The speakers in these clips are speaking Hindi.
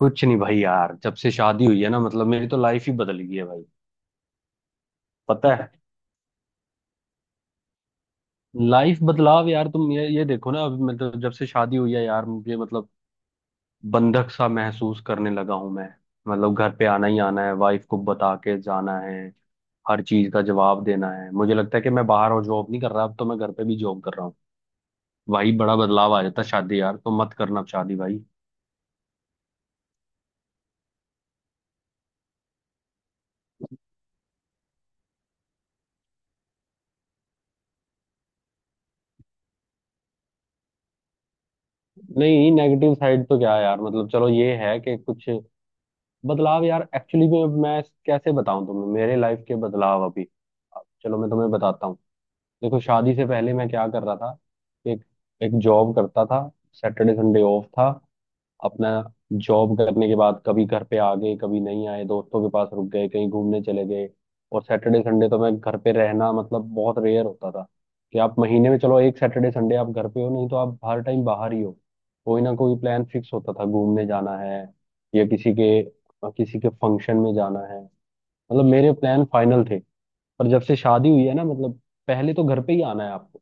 कुछ नहीं भाई यार, जब से शादी हुई है ना, मतलब मेरी तो लाइफ ही बदल गई है भाई। पता है, लाइफ बदलाव यार। तुम ये देखो ना, अभी मतलब जब से शादी हुई है यार, मुझे मतलब बंधक सा महसूस करने लगा हूं मैं। मतलब घर पे आना ही आना है, वाइफ को बता के जाना है, हर चीज का जवाब देना है। मुझे लगता है कि मैं बाहर और जॉब नहीं कर रहा, अब तो मैं घर पे भी जॉब कर रहा हूँ भाई। बड़ा बदलाव आ जाता है शादी यार, तो मत करना अब शादी भाई। नहीं, नेगेटिव साइड तो क्या है यार, मतलब चलो ये है कि कुछ बदलाव यार। एक्चुअली में मैं कैसे बताऊं तुम्हें मेरे लाइफ के बदलाव अभी। चलो मैं तुम्हें बताता हूँ। देखो, शादी से पहले मैं क्या कर रहा था। एक एक जॉब करता था, सैटरडे संडे ऑफ था अपना। जॉब करने के बाद कभी घर पे आ गए, कभी नहीं आए, दोस्तों के पास रुक गए, कहीं घूमने चले गए। और सैटरडे संडे तो मैं घर पे रहना मतलब बहुत रेयर होता था कि आप महीने में चलो एक सैटरडे संडे आप घर पे हो, नहीं तो आप हर टाइम बाहर ही हो। कोई ना कोई प्लान फिक्स होता था, घूमने जाना है या किसी के फंक्शन में जाना है। मतलब मेरे प्लान फाइनल थे। पर जब से शादी हुई है ना, मतलब पहले तो घर पे ही आना है आपको,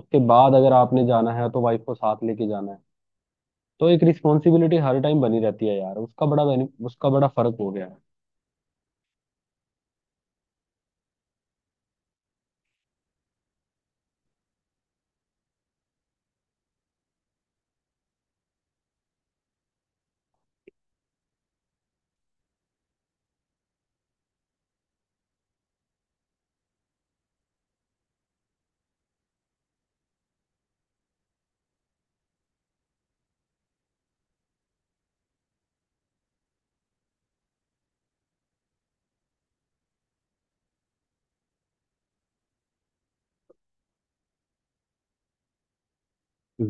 उसके बाद अगर आपने जाना है तो वाइफ को साथ लेके जाना है। तो एक रिस्पॉन्सिबिलिटी हर टाइम बनी रहती है यार। उसका बड़ा फर्क हो गया है।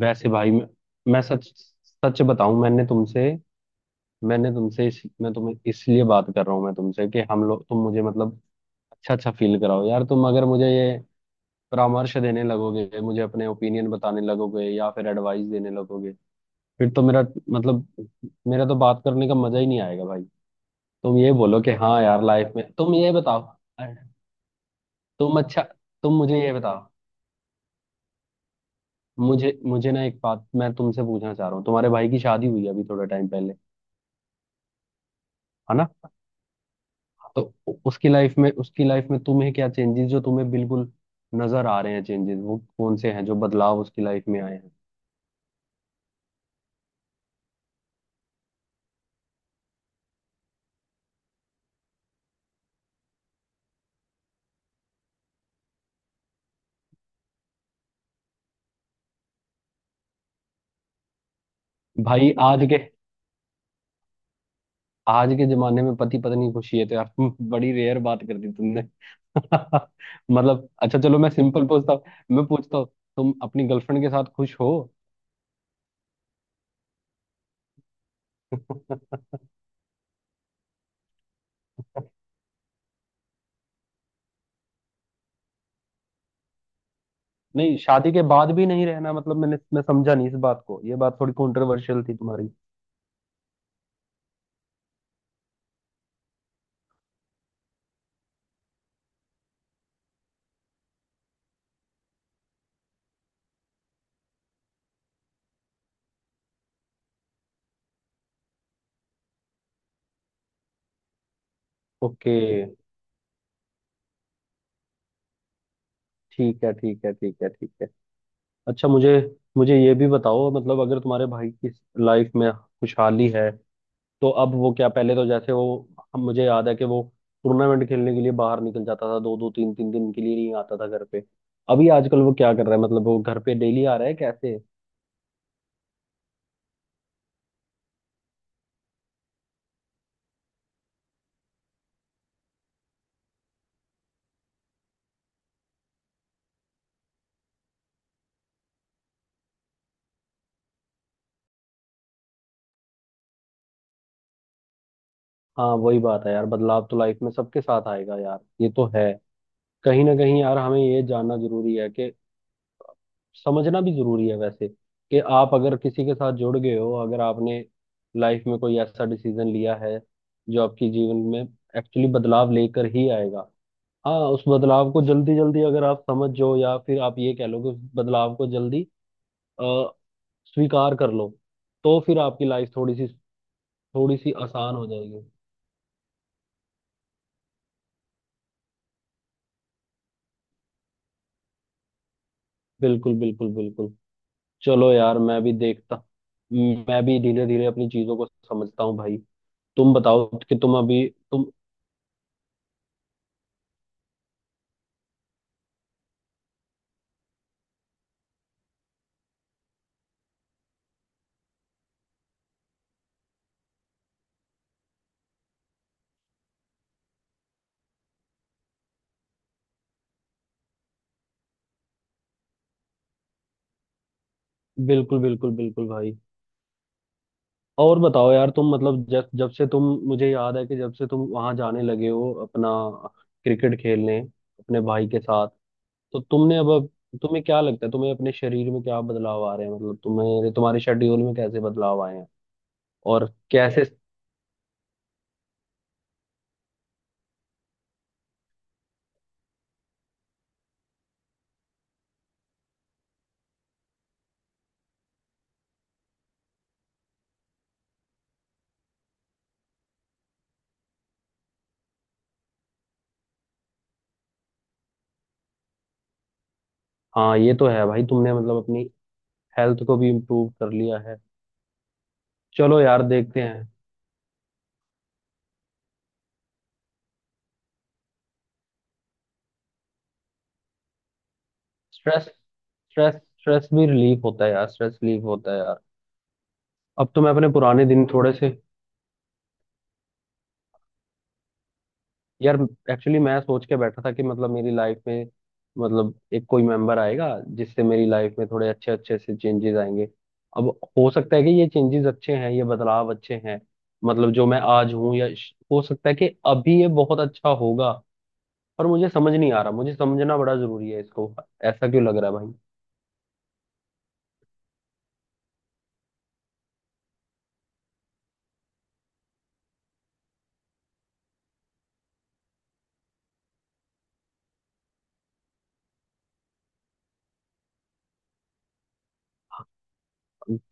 वैसे भाई मैं सच सच बताऊं, मैंने तुमसे मैं तुम्हें इसलिए बात कर रहा हूँ मैं तुमसे, कि हम लोग, तुम मुझे मतलब अच्छा अच्छा फील कराओ यार। तुम अगर मुझे ये परामर्श देने लगोगे, मुझे अपने ओपिनियन बताने लगोगे या फिर एडवाइस देने लगोगे, फिर तो मेरा मतलब, मेरा तो बात करने का मजा ही नहीं आएगा भाई। तुम ये बोलो कि हाँ यार, लाइफ में। तुम ये बताओ, तुम अच्छा तुम मुझे ये बताओ, मुझे मुझे ना एक बात मैं तुमसे पूछना चाह रहा हूँ। तुम्हारे भाई की शादी हुई अभी थोड़े टाइम पहले, है ना? तो उसकी लाइफ में तुम्हें क्या चेंजेस, जो तुम्हें बिल्कुल नजर आ रहे हैं चेंजेस, वो कौन से हैं, जो बदलाव उसकी लाइफ में आए हैं? भाई आज के जमाने में पति पत्नी खुशी है तो यार बड़ी रेयर बात कर दी तुमने। मतलब अच्छा चलो, मैं सिंपल पूछता हूँ। मैं पूछता हूँ, तुम अपनी गर्लफ्रेंड के साथ खुश हो? नहीं, शादी के बाद भी नहीं रहना मतलब, मैं समझा नहीं इस बात को, ये बात थोड़ी कंट्रोवर्शियल थी तुम्हारी। ओके, ठीक है, ठीक है, ठीक है, ठीक है। अच्छा, मुझे मुझे ये भी बताओ, मतलब अगर तुम्हारे भाई की लाइफ में खुशहाली है, तो अब वो क्या, पहले तो जैसे वो, हम मुझे याद है कि वो टूर्नामेंट खेलने के लिए बाहर निकल जाता था, दो दो तीन तीन दिन के लिए नहीं आता था घर पे। अभी आजकल वो क्या कर रहा है, मतलब वो घर पे डेली आ रहा है कैसे? हाँ, वही बात है यार, बदलाव तो लाइफ में सबके साथ आएगा यार, ये तो है। कहीं ना कहीं यार हमें ये जानना जरूरी है कि, समझना भी जरूरी है वैसे, कि आप अगर किसी के साथ जुड़ गए हो, अगर आपने लाइफ में कोई ऐसा डिसीजन लिया है जो आपकी जीवन में एक्चुअली बदलाव लेकर ही आएगा। हाँ, उस बदलाव को जल्दी जल्दी अगर आप समझ जाओ, या फिर आप ये कह लो कि उस बदलाव को जल्दी अ, स्वीकार कर लो, तो फिर आपकी लाइफ थोड़ी सी आसान हो जाएगी। बिल्कुल, बिल्कुल, बिल्कुल। चलो यार, मैं भी देखता, मैं भी धीरे धीरे अपनी चीजों को समझता हूँ भाई। तुम बताओ कि तुम बिल्कुल बिल्कुल बिल्कुल भाई। और बताओ यार तुम, मतलब जब जब से तुम, मुझे याद है कि जब से तुम वहां जाने लगे हो अपना क्रिकेट खेलने अपने भाई के साथ, तो तुमने तुम्हें क्या लगता है, तुम्हें अपने शरीर में क्या बदलाव आ रहे हैं, मतलब तुम्हें तुम्हारे शेड्यूल में कैसे बदलाव आए हैं और कैसे? हाँ, ये तो है भाई, तुमने मतलब अपनी हेल्थ को भी इम्प्रूव कर लिया है। चलो यार, देखते हैं। स्ट्रेस स्ट्रेस स्ट्रेस भी रिलीफ होता है यार, स्ट्रेस रिलीफ होता है यार। अब तो मैं अपने पुराने दिन थोड़े से, यार एक्चुअली मैं सोच के बैठा था कि, मतलब मेरी लाइफ में मतलब एक कोई मेंबर आएगा जिससे मेरी लाइफ में थोड़े अच्छे अच्छे से चेंजेस आएंगे। अब, हो सकता है कि ये चेंजेस अच्छे हैं, ये बदलाव अच्छे हैं, मतलब जो मैं आज हूँ या हो सकता है कि अभी ये बहुत अच्छा होगा। पर मुझे समझ नहीं आ रहा, मुझे समझना बड़ा जरूरी है इसको, ऐसा क्यों लग रहा है भाई।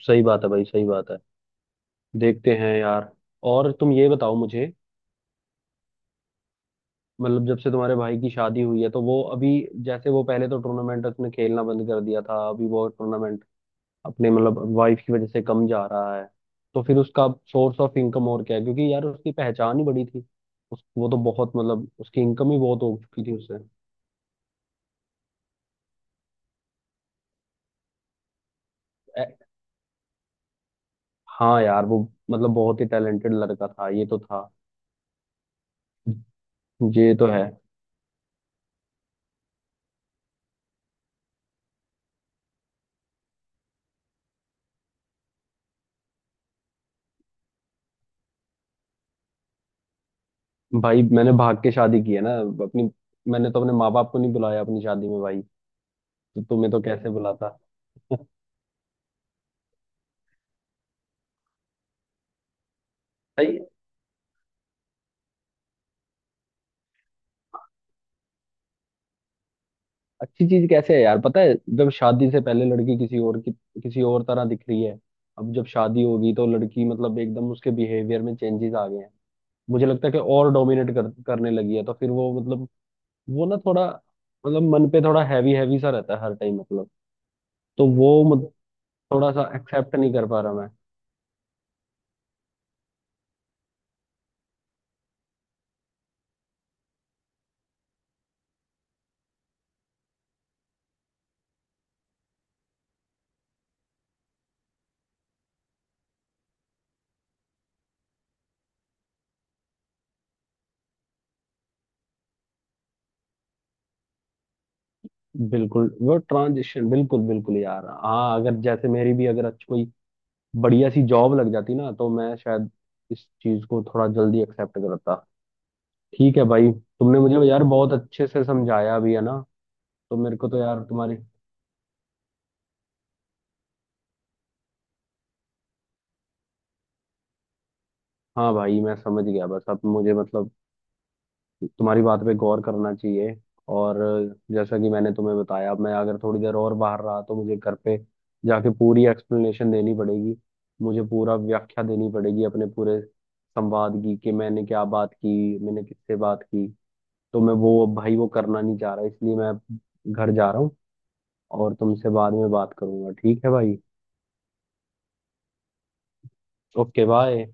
सही बात है भाई, सही बात है। देखते हैं यार। और तुम ये बताओ मुझे, मतलब जब से तुम्हारे भाई की शादी हुई है तो वो अभी, जैसे वो पहले तो टूर्नामेंट उसने खेलना बंद कर दिया था, अभी वो टूर्नामेंट अपने मतलब वाइफ की वजह से कम जा रहा है, तो फिर उसका सोर्स ऑफ इनकम और क्या है? क्योंकि यार उसकी पहचान ही बड़ी थी, उस वो तो बहुत मतलब उसकी इनकम ही बहुत हो चुकी थी उससे। ए- हाँ यार वो मतलब बहुत ही टैलेंटेड लड़का था, ये तो था, ये तो है। भाई मैंने भाग के शादी की है ना अपनी, मैंने तो अपने माँ बाप को नहीं बुलाया अपनी शादी में भाई, तो तुम्हें तो कैसे बुलाता भाई। अच्छी चीज कैसे है यार? पता है, जब शादी से पहले लड़की किसी और की, किसी और तरह दिख रही है, अब जब शादी होगी तो लड़की मतलब एकदम उसके बिहेवियर में चेंजेस आ गए हैं। मुझे लगता है कि और डोमिनेट करने लगी है, तो फिर वो मतलब, वो ना थोड़ा मतलब मन पे थोड़ा हैवी हैवी सा रहता है हर टाइम मतलब। तो वो मत, थोड़ा सा एक्सेप्ट नहीं कर पा रहा मैं। बिल्कुल वो ट्रांजिशन, बिल्कुल बिल्कुल यार, हाँ अगर जैसे मेरी भी अगर अच्छी कोई बढ़िया सी जॉब लग जाती ना, तो मैं शायद इस चीज को थोड़ा जल्दी एक्सेप्ट करता। ठीक है भाई, तुमने मुझे यार बहुत अच्छे से समझाया भी है ना, तो मेरे को तो यार तुम्हारी, हाँ भाई मैं समझ गया, बस अब मुझे मतलब तुम्हारी बात पे गौर करना चाहिए। और जैसा कि मैंने तुम्हें बताया, अब मैं अगर थोड़ी देर और बाहर रहा तो मुझे घर पे जाके पूरी एक्सप्लेनेशन देनी पड़ेगी, मुझे पूरा व्याख्या देनी पड़ेगी अपने पूरे संवाद की, कि मैंने क्या बात की, मैंने किससे बात की। तो मैं वो भाई वो करना नहीं चाह रहा, इसलिए मैं घर जा रहा हूँ और तुमसे बाद में बात करूंगा। ठीक है भाई? Okay bye.